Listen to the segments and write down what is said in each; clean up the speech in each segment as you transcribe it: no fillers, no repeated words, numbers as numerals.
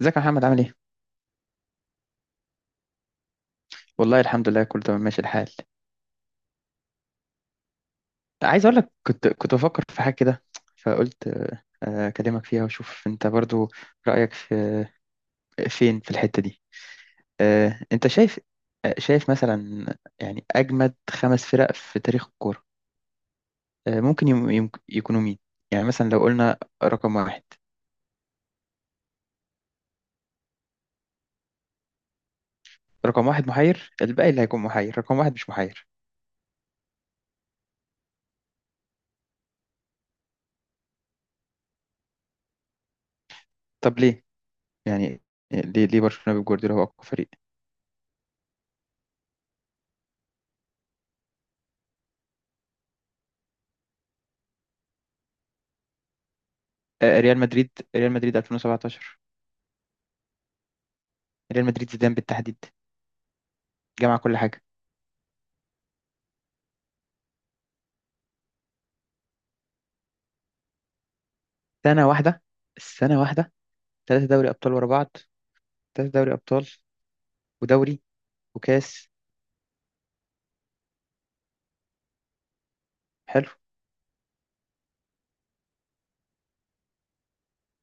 ازيك يا محمد، عامل ايه؟ والله الحمد لله، كله تمام، ماشي الحال. عايز اقول لك، كنت بفكر في حاجه كده، فقلت اكلمك فيها، واشوف انت برضو رايك في فين في الحته دي. انت شايف؟ شايف مثلا، يعني اجمد خمس فرق في تاريخ الكوره، ممكن يكونوا مين؟ يعني مثلا لو قلنا رقم واحد. رقم واحد محير، الباقي اللي هيكون محير رقم واحد مش محير. طب ليه؟ يعني ليه برشلونه بيب جوارديولا هو اقوى فريق. ريال مدريد. ريال مدريد 2017. ريال مدريد زيدان بالتحديد. جمع كل حاجه. سنه واحده. السنه واحده. ثلاثه دوري ابطال ورا بعض. ثلاثه دوري ابطال. ودوري. وكاس. حلو.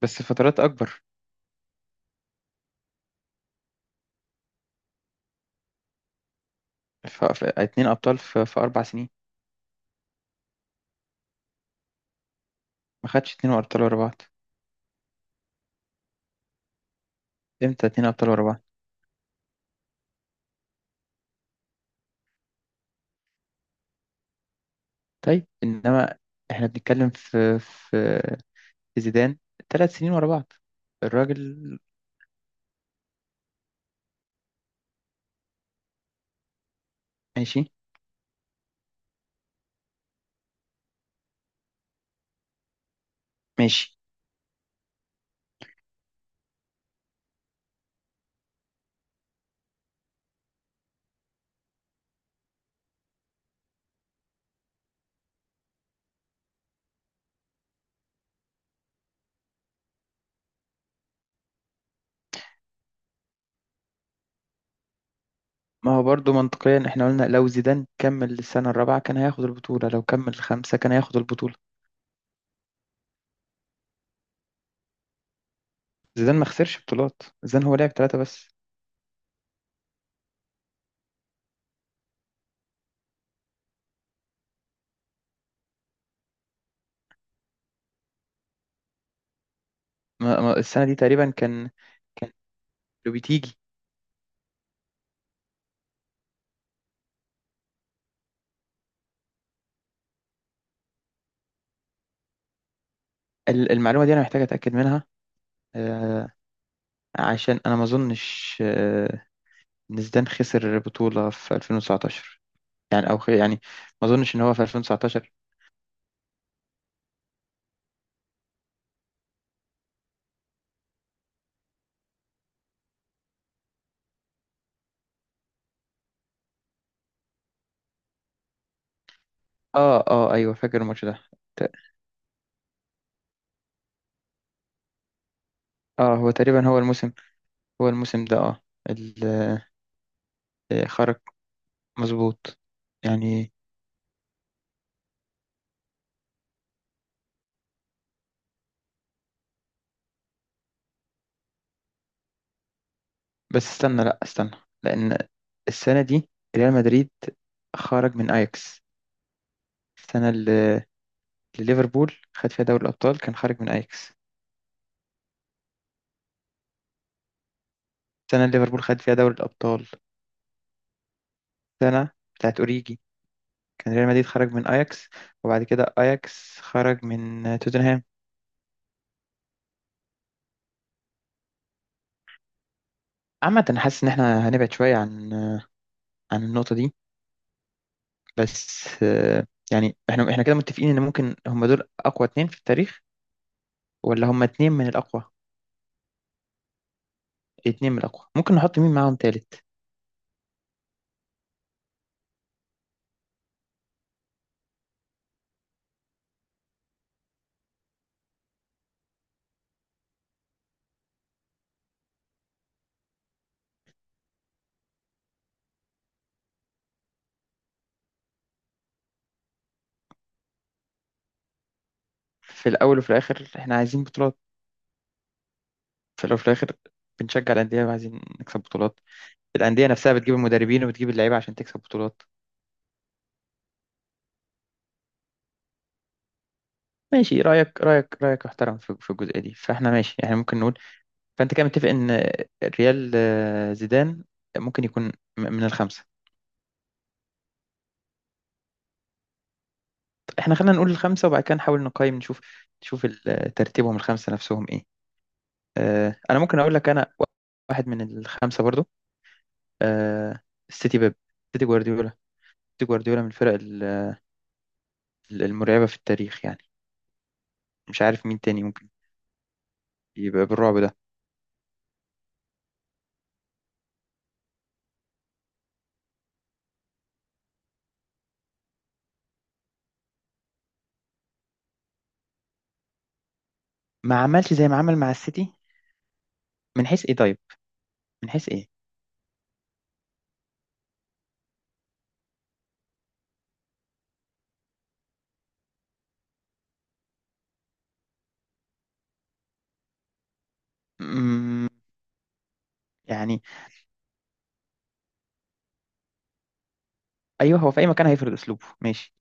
بس فترات اكبر. اتنين ابطال في 4 سنين. ما خدش اتنين ابطال ورا بعض. امتى اتنين ابطال ورا بعض؟ طيب انما احنا بنتكلم في زيدان، 3 سنين ورا بعض. الراجل. ماشي. ماشي. ما هو برضه منطقيا احنا قلنا، لو زيدان كمل السنة الرابعة كان هياخد البطولة، لو كمل الخامسة كان هياخد البطولة. زيدان ما خسرش بطولات، زيدان هو لعب ثلاثة بس. ما السنة دي تقريبا كان لو بتيجي المعلومة دي أنا محتاج أتأكد منها، آه، عشان أنا ما أظنش إن زيدان خسر بطولة في 2019، يعني أو يعني ما أظنش إن هو في 2019. آه آه، أيوه، فاكر الماتش ده. ت- هو تقريبا هو الموسم، هو الموسم ده. ال- خرج. مظبوط. يعني بس استنى، لأ استنى، لأن السنة دي ريال مدريد خرج من أياكس. السنة لليفربول خد فيها دوري الأبطال كان خارج من أياكس. سنة اللي ليفربول خد فيها دوري الأبطال، سنة بتاعت أوريجي، كان ريال مدريد خرج من أياكس، وبعد كده أياكس خرج من توتنهام. عامة، أنا حاسس إن إحنا هنبعد شوية عن النقطة دي. بس يعني إحنا كده متفقين إن ممكن هما دول أقوى اتنين في التاريخ، ولا هما اتنين من الأقوى. اتنين من الأقوى، ممكن نحط مين معاهم تالت. في الأول وفي الآخر إحنا عايزين بطولات. في الأول وفي الآخر بنشجع الأندية، وعايزين نكسب بطولات. الأندية نفسها بتجيب المدربين وبتجيب اللعيبة عشان تكسب بطولات. ماشي، رأيك محترم في الجزئية دي، فاحنا ماشي، احنا ممكن نقول. فأنت كده متفق إن ريال زيدان ممكن يكون من الخمسة. طب احنا خلينا نقول الخمسة، وبعد كده نحاول نقيم، نشوف ترتيبهم الخمسة نفسهم ايه. أنا ممكن أقول لك، أنا واحد من الخمسة برضو. آه، السيتي بيب، سيتي جوارديولا. سيتي جوارديولا من الفرق المرعبة في التاريخ يعني. مش عارف مين تاني ممكن يبقى بالرعب ده. ما عملش زي ما عمل مع السيتي. من حيث ايه طيب؟ من حيث ايه؟ مم، يعني، ايوه، هو في اي مكان هيفرض اسلوبه، ماشي.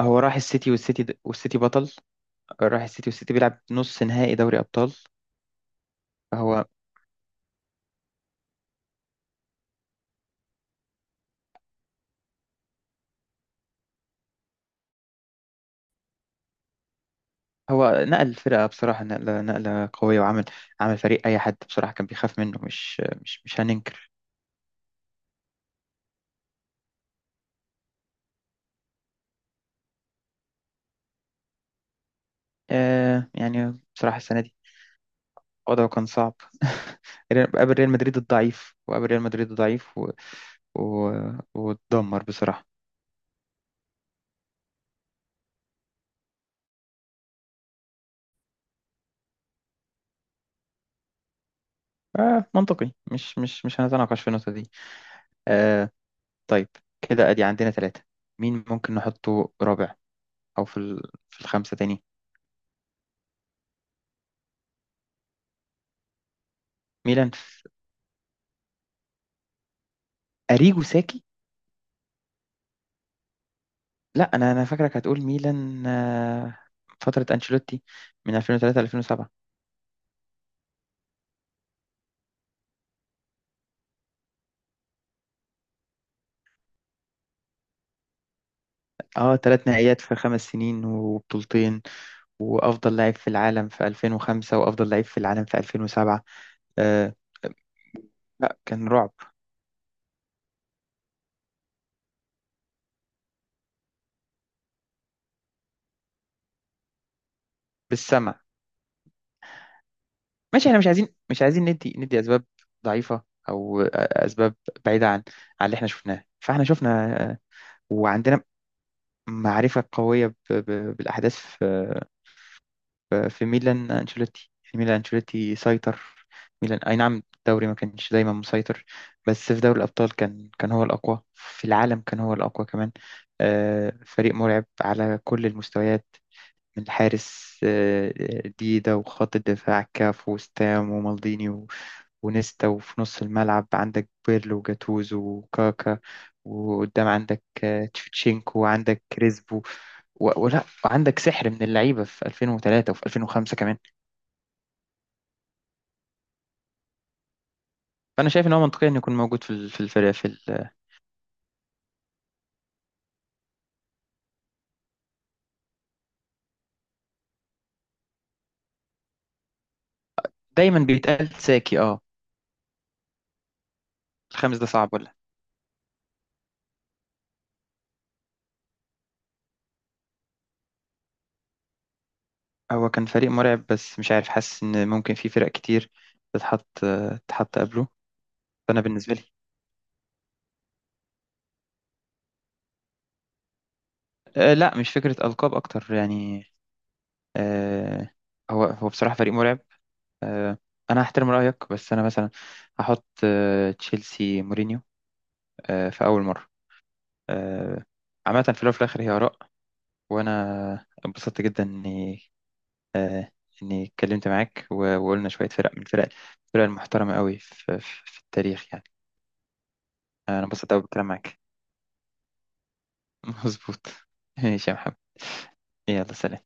هو راح السيتي، والسيتي بطل. راح السيتي والسيتي بيلعب نص نهائي دوري ابطال. فهو هو نقل الفرقه بصراحه نقله قويه، وعمل فريق اي حد بصراحه كان بيخاف منه، مش هننكر. يعني بصراحه السنه دي وضعه كان صعب قابل ريال مدريد الضعيف، وقابل ريال مدريد الضعيف، و... واتدمر بصراحه. منطقي، مش هنتناقش في النقطه دي. آه طيب، كده ادي عندنا ثلاثة. مين ممكن نحطه رابع، او في في الخمسة تاني. ميلان اريجو ساكي. لا، انا فاكرك هتقول ميلان، فترة انشيلوتي من 2003 ل 2007. اه، ثلاث نهائيات في 5 سنين وبطولتين، وافضل لاعب في العالم في 2005، وافضل لاعب في العالم في 2007. آه لا، كان رعب. بالسمع. ماشي، احنا مش عايزين ندي اسباب ضعيفة، او اسباب بعيدة عن اللي احنا شفناه. فاحنا شفنا، وعندنا معرفة قوية بالأحداث في ميلان أنشيلوتي. يعني ميلان أنشيلوتي سيطر. ميلان، أي نعم، الدوري ما كانش دايما مسيطر، بس في دوري الأبطال كان هو الأقوى في العالم، كان هو الأقوى كمان. فريق مرعب على كل المستويات، من الحارس ديدا، وخط الدفاع كاف وستام ومالديني ونيستا، وفي نص الملعب عندك بيرلو وجاتوزو وكاكا، وقدام عندك تشفتشينكو، وعندك كريسبو، ولا وعندك سحر من اللعيبه في 2003 وفي 2005 كمان. فانا شايف ان هو منطقي انه يكون موجود في الفريق. دايما بيتقال ساكي، اه. الخامس ده صعب ولا؟ هو كان فريق مرعب، بس مش عارف، حاسس ان ممكن في فرق كتير تتحط، تتحط قبله. فانا بالنسبه لي، لا، مش فكره القاب اكتر يعني. آه هو بصراحه فريق مرعب. آه انا هحترم رايك، بس انا مثلا هحط تشيلسي مورينيو، في اول مره. آه عامه، في الاول وفي الاخر هي اراء، وانا اتبسطت جدا اني آه، اتكلمت معاك، وقلنا شويه فرق من الفرق المحترمه قوي في, في التاريخ يعني. انا اتبسطت قوي بالكلام معاك. مظبوط. ماشي يا محمد. يلا، سلام.